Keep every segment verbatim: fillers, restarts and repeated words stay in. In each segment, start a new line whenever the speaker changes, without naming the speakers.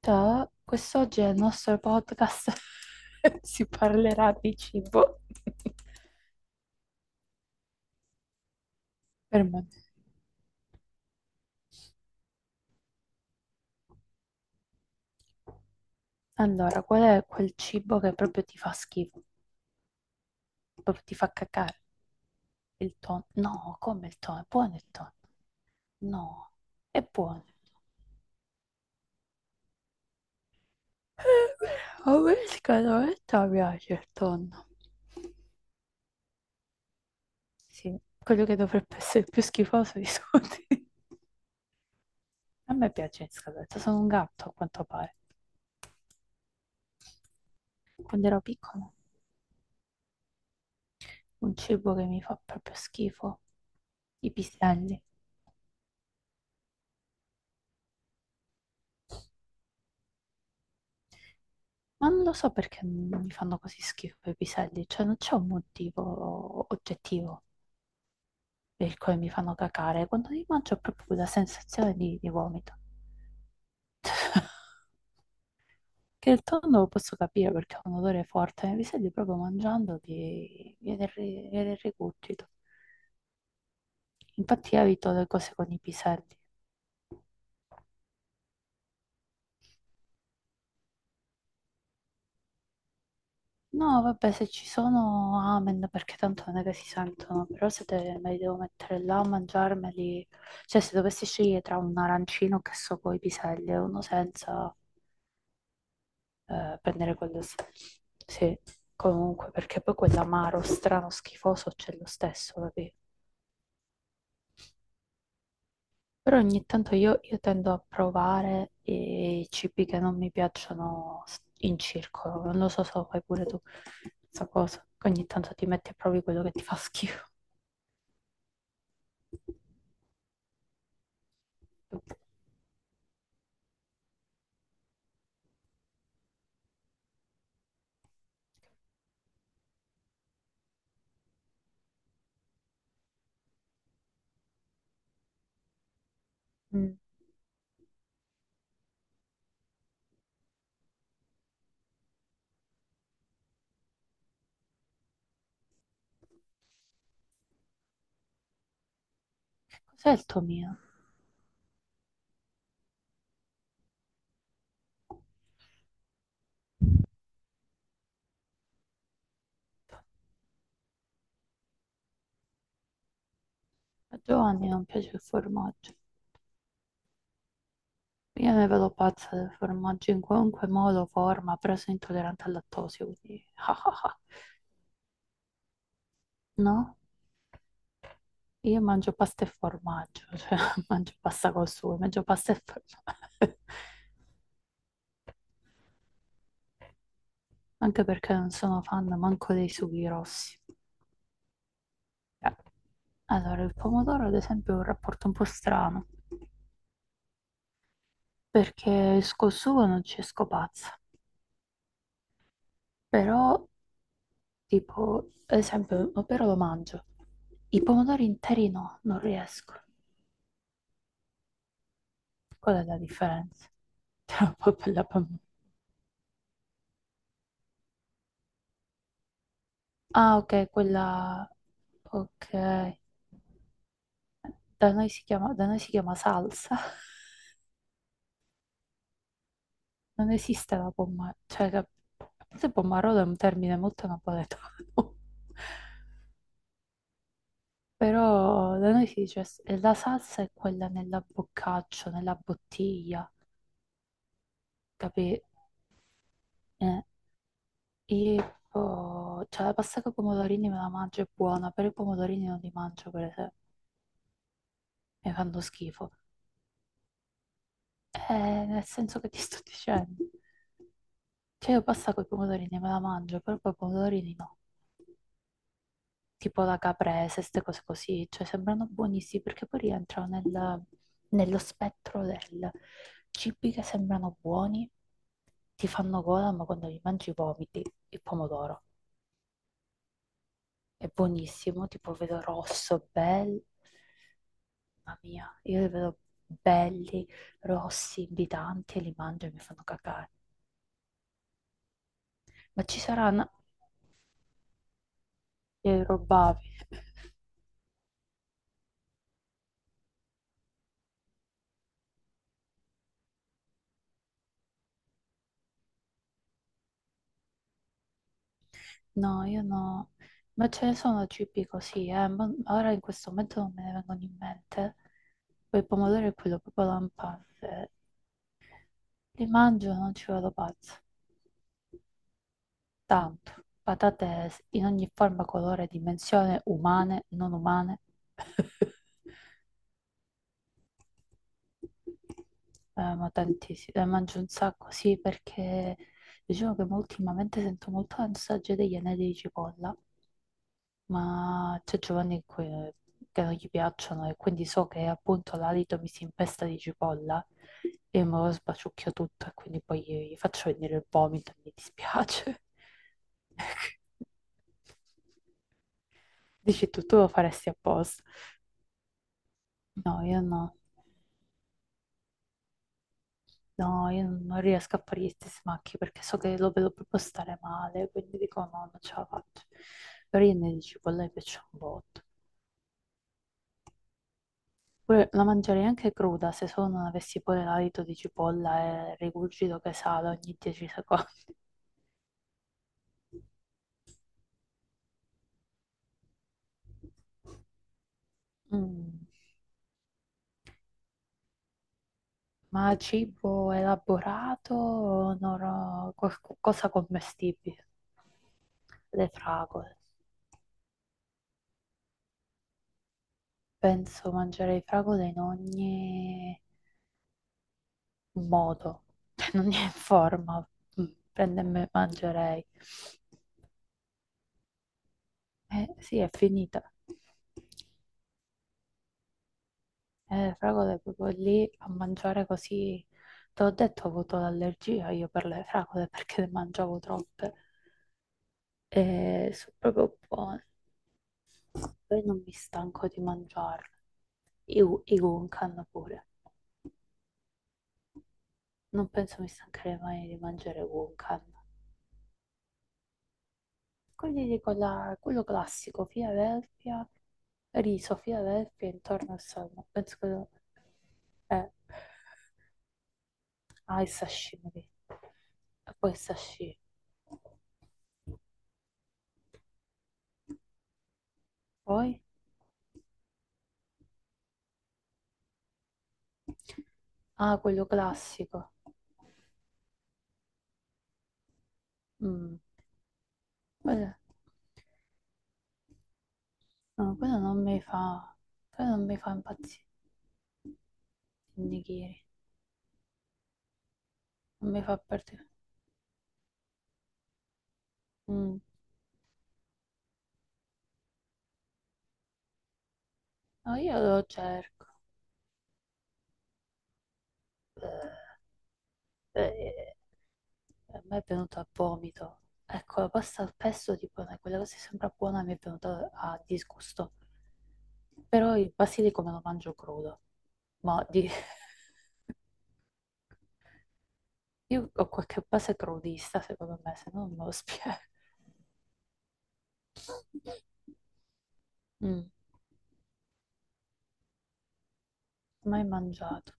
Ciao, quest'oggi nel nostro podcast si parlerà di cibo. Per me. Allora, qual è quel cibo che proprio ti fa schifo? Proprio ti fa cacare? Il tonno? No, come il tonno? È buono il tonno? No, è buono. A me scatoletta piace il tonno. Sì, quello che dovrebbe essere il più schifoso di tutti. A me piace in scatoletta, sono un gatto a quanto pare. Quando ero piccola. Un cibo che mi fa proprio schifo. I piselli. Ma non lo so perché mi fanno così schifo i piselli, cioè non c'è un motivo oggettivo per il quale mi fanno cacare. Quando li mangio ho proprio quella sensazione di, di vomito. Che il tonno lo posso capire perché ha un odore forte, ma i piselli proprio mangiandoli viene, il ri- viene il rigurgito. Infatti evito le cose con i piselli. No, vabbè, se ci sono, amen, perché tanto non è che si sentono, però se te- me li devo mettere là a mangiarmeli, cioè se dovessi scegliere tra un arancino che so coi piselli e uno senza, eh, prendere quello s- sì, comunque, perché poi quell'amaro strano, schifoso c'è lo stesso, capì? Però ogni tanto io, io tendo a provare i cibi che non mi piacciono s- in circolo, non lo so se lo fai pure tu, questa cosa, che ogni tanto ti metti a provi quello che ti fa schifo. Mm. Cos'è il tuo mio? A Giovanni non piace il formaggio. Io ne vedo pazza del formaggio in qualunque modo, forma, però sono intollerante al lattosio, quindi ah, ah, ah. No? Io mangio pasta e formaggio, cioè mangio pasta col sugo, mangio pasta e formaggio. Anche perché non sono fan manco dei sughi rossi. Eh, Allora, il pomodoro ad esempio è un rapporto un po' strano, perché esco il sugo non ci esco pazza, però. Tipo, ad esempio, però lo mangio. I pomodori interi no, non riesco. Qual è la differenza? Tra polpa e la pom- Ah, ok, quella... Ok. Da noi si chiama, da noi si chiama salsa. Non esiste la pomma... Cioè, la... forse pommarolo è un termine molto napoletano. Però da noi si dice s- la salsa è quella nella boccaccio, nella bottiglia, capì? Eh, E poi, cioè, la pasta con i pomodorini me la mangio, è buona, però i pomodorini non li mangio per esempio, mi fanno schifo. Eh, nel senso che ti sto dicendo. Cioè, io pasta con i pomodorini me la mangio, però poi i pomodorini no. Tipo la caprese, queste cose così, cioè, sembrano buonissimi perché poi rientrano nel- nello spettro del cibi che sembrano buoni, ti fanno gola, ma quando li mangi vomiti il pomodoro. È buonissimo, tipo vedo rosso, bello. Mamma mia, io li vedo belli, rossi, invitanti e li mangio e mi fanno cacare. Ma ci saranno... Li rubavi? No, io no. Ma ce ne sono cibi così, eh, ma ora in questo momento non me ne vengono in mente. Quel pomodoro è quello proprio lampante. Li mangio e non ci vado pazzo. Tanto, patate in ogni forma, colore, dimensione, umane, non umane. Eh, ma tantissimo, eh, mangio un sacco, sì, perché diciamo che mo ultimamente sento molto l'ansaggio degli anelli di cipolla, ma c'è Giovanni que- che non gli piacciono e quindi so che appunto l'alito mi si impesta di cipolla e me lo sbaciucchio tutto e quindi poi gli gli faccio venire il vomito e mi dispiace. Dici tu, tu lo faresti apposta? No, io no. No, io non non riesco a fare gli stessi macchi perché so che lo vedo proprio stare male, quindi dico no, non ce la faccio. Però io ne dici, cipolla mi piace un botto. Pure la mangerei anche cruda, se solo non avessi pure l'alito di cipolla e il rigurgito che sale ogni dieci secondi. Mm. Ma cibo elaborato o no, no, qualcosa commestibile? Le fragole. Penso mangerei fragole in ogni modo, cioè non è in forma, mm, prende e me mangerei. Eh, sì, è finita. Eh, fragole proprio lì a mangiare così. Te l'ho detto, ho avuto l'allergia io per le fragole perché ne mangiavo troppe. E sono proprio buone. Poi non mi stanco di mangiarle. I, gu- I gunkan pure. Non penso mi stancherei mai di mangiare gunkan. Quelli lì con la- Quello classico, Philadelphia, riso, Philadelphia intorno al salmo. Penso che lo- eh, ah, il sashimi lì. E poi il sashimi. Poi, ah, quello classico. Mm, quello, no, quello non mi fa, quello non mi fa impazzire. Il nigiri. Non mi fa partire. Mm, no, io lo cerco. Eh, a me è venuto a vomito. Ecco, la pasta al pesto, tipo, quella cosa sembra buona, mi è venuta a disgusto. Però il basilico me lo mangio crudo. Ma di- io ho qualche base crudista, secondo me, se no non me lo spiego. Mm, mai mangiato.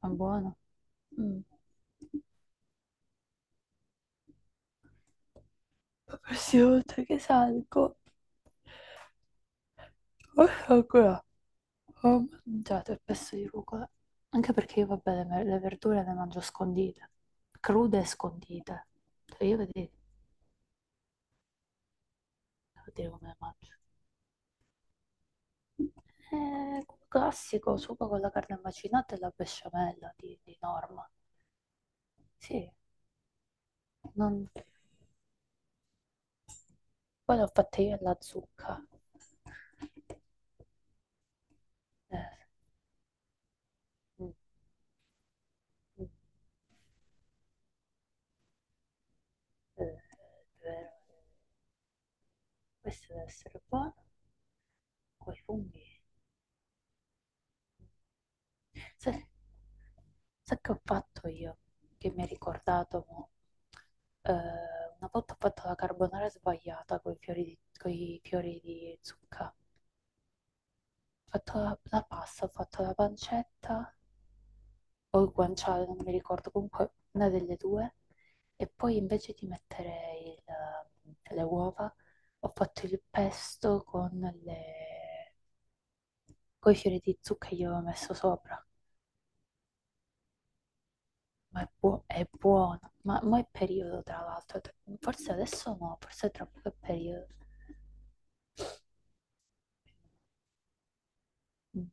Ma buono. Mm. La prossima volta che salgo, ho ancora ho mangiato il pesto di rucola. Anche perché io, vabbè, le, ver- le verdure le mangio scondite. Crude e scondite. Cioè, io vedete, devo dire come le mangio. Eh, classico, sugo con la carne macinata e la besciamella di, di norma. Sì, non, poi l'ho fatta io alla zucca. Eh, mm, mm, eh, vero. Questo deve essere buono con i funghi. Sai, sai che ho fatto io? Che mi ha ricordato mo? Eh, una volta ho fatto la carbonara sbagliata con i fiori di, coi fiori di zucca. Ho fatto la, la pasta, ho fatto la pancetta, o il guanciale, non mi ricordo, comunque una delle due. E poi invece di mettere il- ehm, le uova, ho fatto il pesto con le, coi fiori di zucca che gli avevo messo sopra. Ma è, buo- è buono. Ma mo è periodo, tra l'altro. Forse adesso no, forse tra poco è periodo. Mm,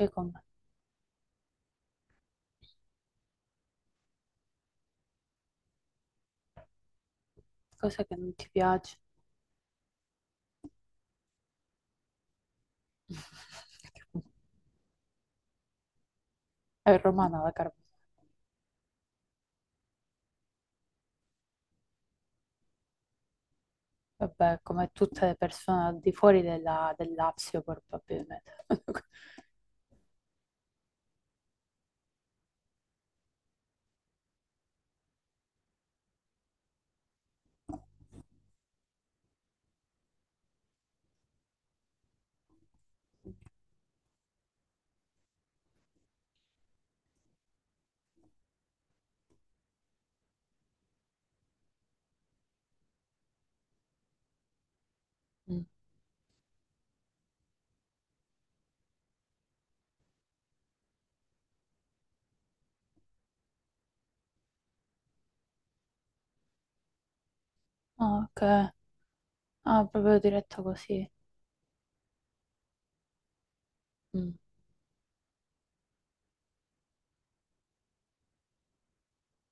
Che com- cosa che non ti piace? È romana la carne. Vabbè, come tutte le persone al di fuori della, del Lazio, probabilmente. Ah, ok. Ah, proprio diretta così. Mm.